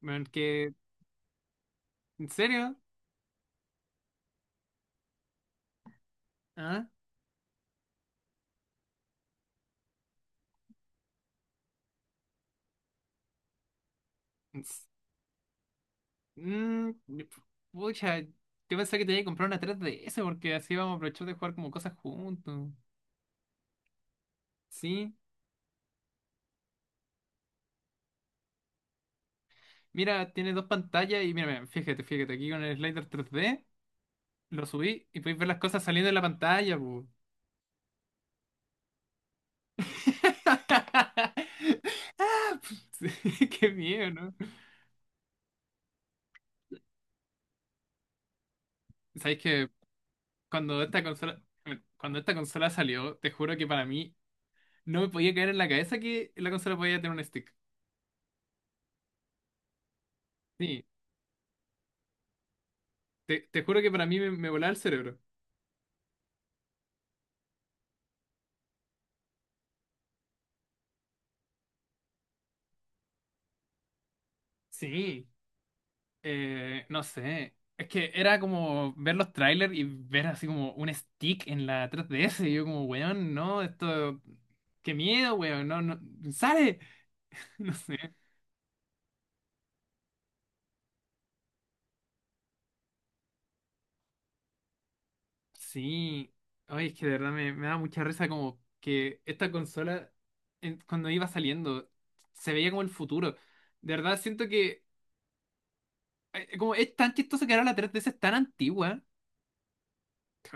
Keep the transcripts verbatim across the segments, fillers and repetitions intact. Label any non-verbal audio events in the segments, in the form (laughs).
Bueno, que, ¿en serio? ¿Ah? En s- Mm, pucha, yo pensé que te iba comprar una tres D S porque así vamos a aprovechar de jugar como cosas juntos. Sí, mira, tiene dos pantallas y mira, mira, fíjate, fíjate, aquí con el slider tres D lo subí y podéis ver las cosas saliendo de la pantalla, pu. (laughs) Sí, qué miedo, ¿no? Sabéis que cuando esta consola, cuando esta consola salió, te juro que para mí no me podía caer en la cabeza que la consola podía tener un stick. Sí, Te, te juro que para mí me, me volaba el cerebro. Sí, eh, no sé. Es que era como ver los trailers y ver así como un stick en la tres D S. Y yo como, weón, no, esto. Qué miedo, weón, no, no, sale. (laughs) No sé. Sí. Oye, es que de verdad me, me da mucha risa como que esta consola, en- cuando iba saliendo, se veía como el futuro. De verdad siento que, eh, como es tan chistoso que ahora la tres D S es tan antigua.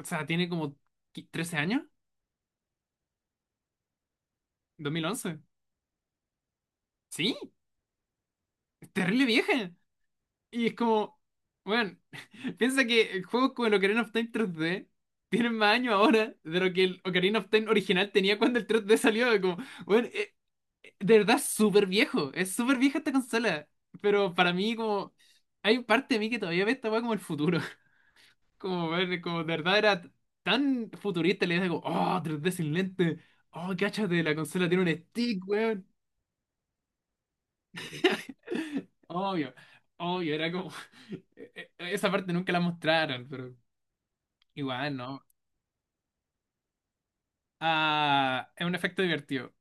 O sea, tiene como qui- trece años. Dos mil once. Sí, es terrible vieja. Y es como, bueno, (laughs) piensa que juegos como el Ocarina of Time tres d tienen más años ahora de lo que el Ocarina of Time original tenía cuando el tres d salió. Como, bueno, eh, eh, de verdad es súper viejo, es súper vieja esta consola. Pero para mí, como, hay parte de mí que todavía ve esta weá como el futuro. (laughs) Como, bueno, como de verdad era tan futurista, le digo, oh, tres D sin lente. Oh, cáchate, la consola tiene un stick, weón. Obvio, obvio, era como. (laughs) e- e- Esa parte nunca la mostraron, pero igual, ¿no? Ah, es un efecto divertido.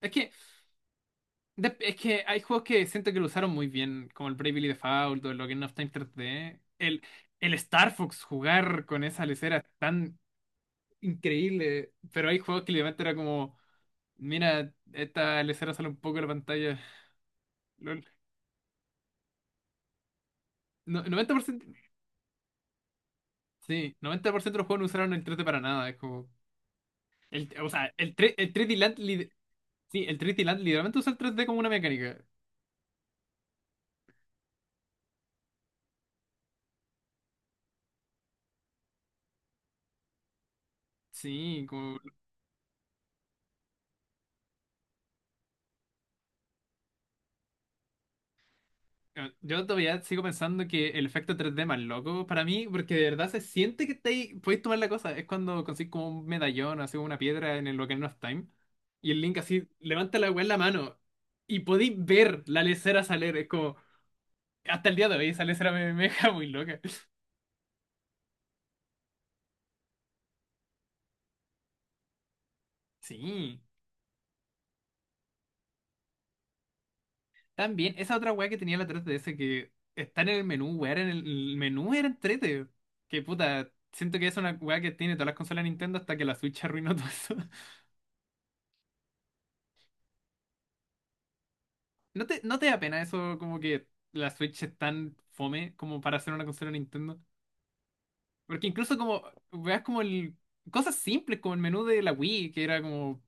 Es que, de- es que hay juegos que siento que lo usaron muy bien, como el Bravely Default o el Ocarina of Time tres D. El, el Star Fox jugar con esa lesera es tan increíble, pero hay juegos que literalmente era como: mira, esta lesera sale un poco de la pantalla. LOL. No- noventa por ciento, sí, noventa por ciento de los juegos no usaron el tres D para nada, es como. El, o sea, el, tre- el tres D Land, lid- sí, el tres D Land literalmente usa el tres D como una mecánica. Sí, como- eh, yo todavía sigo pensando que el efecto tres d más loco para mí, porque de verdad se siente que estáis, podéis tomar la cosa. Es cuando consigues como un medallón o así, una piedra en el Ocarina of Time y el Link así levanta la weá en la mano y podéis ver la lesera salir. Es como, hasta el día de hoy esa lesera me, me deja muy loca. (laughs) Sí. También, esa otra weá que tenía la tres D S que está en el menú, weá, era en el menú era entrete. Que puta, siento que es una weá que tiene todas las consolas de Nintendo hasta que la Switch arruinó todo eso. (laughs) ¿No te, no te da pena eso como que la Switch es tan fome como para hacer una consola de Nintendo? Porque incluso como, weas como el, cosas simples como el menú de la Wii, que era como,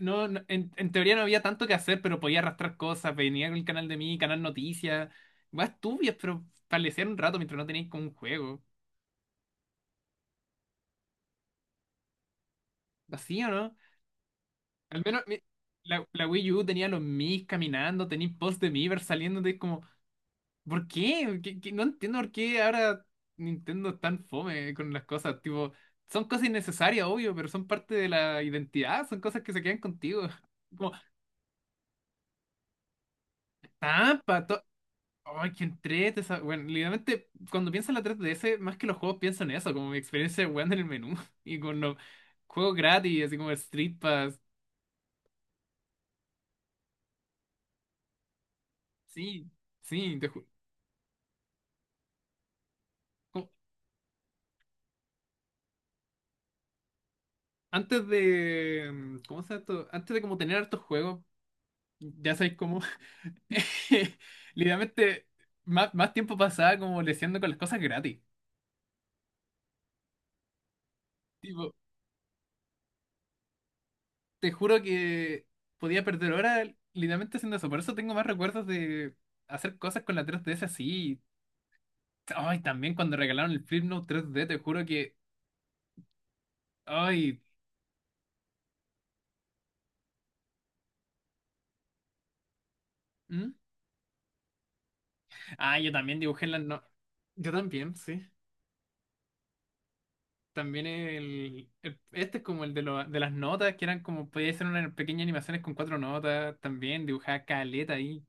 no, no- en, en teoría no había tanto que hacer, pero podía arrastrar cosas, venía con el canal de mí, canal noticias, weas turbias, pero establecer un rato mientras no tenías como un juego. Vacío, ¿no? Al menos mi- la, la Wii U tenía los Miis caminando, tenía posts de Miiverse saliendo de como, ¿por qué? ¿Qué- qué? No entiendo por qué ahora Nintendo es tan fome con las cosas. Tipo, son cosas innecesarias, obvio, pero son parte de la identidad, son cosas que se quedan contigo. (laughs) Como, tampa, to- ay, que entrete esa. Bueno, literalmente, cuando pienso en la tres D S, más que los juegos pienso en eso, como mi experiencia jugando en el menú (laughs) y con los juegos gratis, así como el Street Pass. Sí, sí, te juro. Antes de. mm, ¿Cómo se llama esto? Antes de como tener hartos juegos, ya sabéis cómo. (laughs) Literalmente, más, más tiempo pasaba como leseando con las cosas gratis. Tipo, te juro que podía perder horas literalmente haciendo eso. Por eso tengo más recuerdos de hacer cosas con la tres D S así. Ay, también cuando regalaron el Flipnote tres d te juro que. Ay. ¿Mm? Ah, yo también dibujé en la no. Yo también, sí. También el, el- este es como el de, lo- de las notas, que eran como, podía ser unas pequeñas animaciones con cuatro notas, también dibujaba caleta ahí,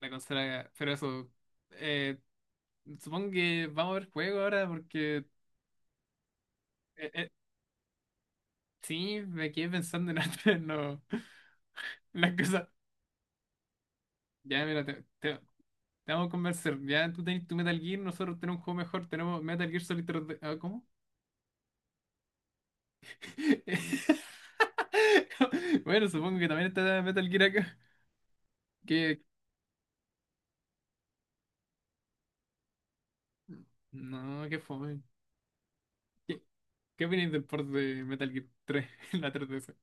la consola, pero eso, eh, supongo que vamos a ver juego ahora porque, eh, eh, sí, me quedé pensando en (laughs) otras, no, las cosas, ya mira, te, te- te vamos a convencer, ya tú tenés tu Metal Gear, nosotros tenemos un juego mejor, tenemos Metal Gear Solid tres D, ah, ¿cómo? (laughs) Bueno, supongo que también está Metal Gear acá, que, no, qué fome. ¿Qué, qué opináis del port de Metal Gear tres (laughs) en la tres D S?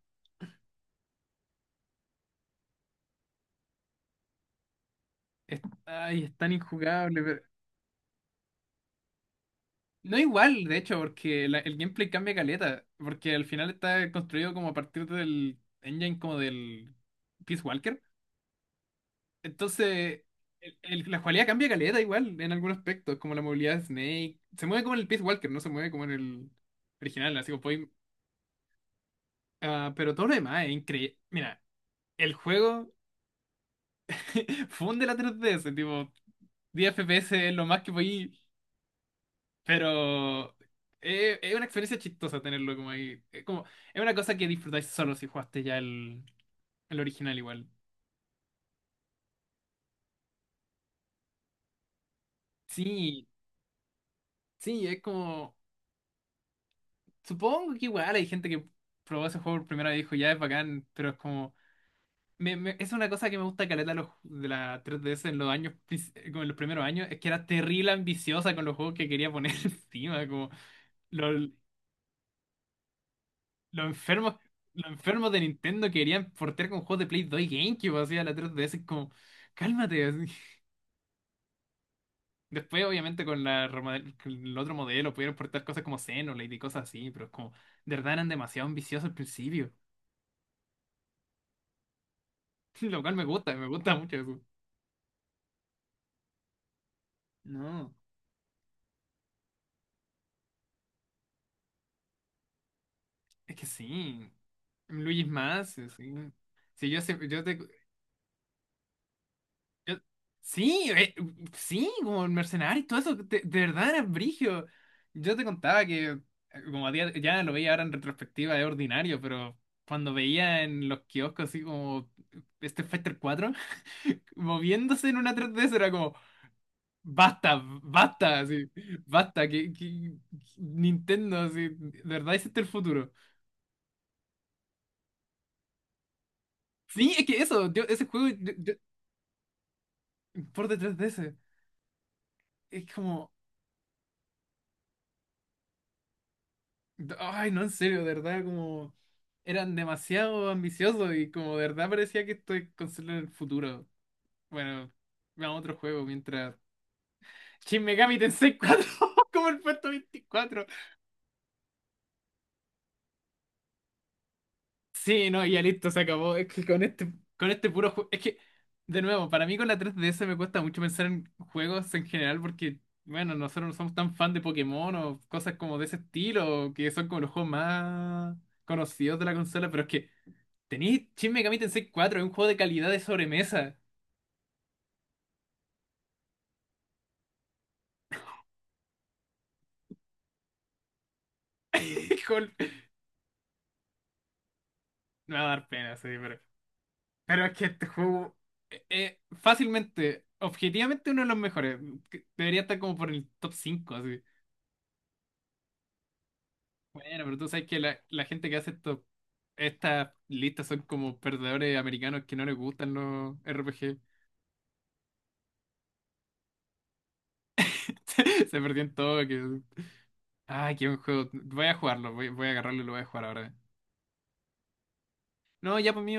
Es, ay, es tan injugable, pero. No igual, de hecho, porque la- el gameplay cambia caleta, porque al final está construido como a partir del engine como del Peace Walker. Entonces, el- el- la cualidad cambia caleta igual en algunos aspectos, como la movilidad de Snake. Se mueve como en el Peace Walker, no se mueve como en el original, así como podéis. Ah, pero todo lo demás es increíble. Mira, el juego (laughs) funde la tres D S, tipo. diez F P S es lo más que podéis. Pero es, es una experiencia chistosa tenerlo como ahí. Es, como, es una cosa que disfrutáis solo si jugaste ya el, el original igual. Sí, sí, es como. Supongo que igual hay gente que probó ese juego por primera vez y dijo, ya es bacán, pero es como. me- me- es una cosa que me gusta caleta de los, de la tres D S en los años, pis- como en los primeros años, es que era terrible ambiciosa con los juegos que quería poner (laughs) encima, como. Los enfermos, los enfermos de Nintendo querían portear con juegos de Play dos y GameCube, así a la tres D S, es como, cálmate. Así. Después, obviamente, con la remodel- con el otro modelo pudieron portar cosas como Xenoblade y cosas así, pero es como, de verdad eran demasiado ambiciosos al principio. (laughs) Lo cual me gusta, me gusta mucho eso. No, es que sí. Luigi's más, sí. Sí, yo, se- yo te, Yo- sí, eh, sí, como el mercenario y todo eso, de, de verdad era brigio. Yo te contaba que, eh, como a día, ya lo veía ahora en retrospectiva, es ordinario, pero cuando veía en los kioscos así como este Fighter cuatro (laughs) moviéndose en una tres D S era como, basta, basta, así, basta, que, que- Nintendo, así, de verdad hiciste el futuro. Sí, es que eso, yo, ese juego, yo- yo- por de tres D S, es como. Ay, no, en serio, de verdad, como eran demasiado ambiciosos y como de verdad parecía que estoy es consola en el futuro. Bueno, vamos a otro juego mientras. Shin Megami Tensei cuatro (laughs) como el puesto veinticuatro. Sí, no, ya listo, se acabó. Es que con este, con este puro juego. Es que, de nuevo, para mí con la tres D S me cuesta mucho pensar en juegos en general porque, bueno, nosotros no somos tan fan de Pokémon o cosas como de ese estilo, que son como los juegos más conocidos de la consola, pero es que. Tenéis Shin Megami Tensei cuatro, es un juego de calidad de sobremesa. (laughs) Híjole. Me va a dar pena, sí, pero. Pero es que este juego es fácilmente, objetivamente uno de los mejores. Que debería estar como por el top cinco así. Bueno, pero tú sabes que la, la gente que hace esto, estas listas son como perdedores americanos que no les gustan los R P G. (laughs) Se perdió todo. Que. Ay, qué buen juego. Voy a jugarlo, voy, voy a agarrarlo y lo voy a jugar ahora. No, ya por mí,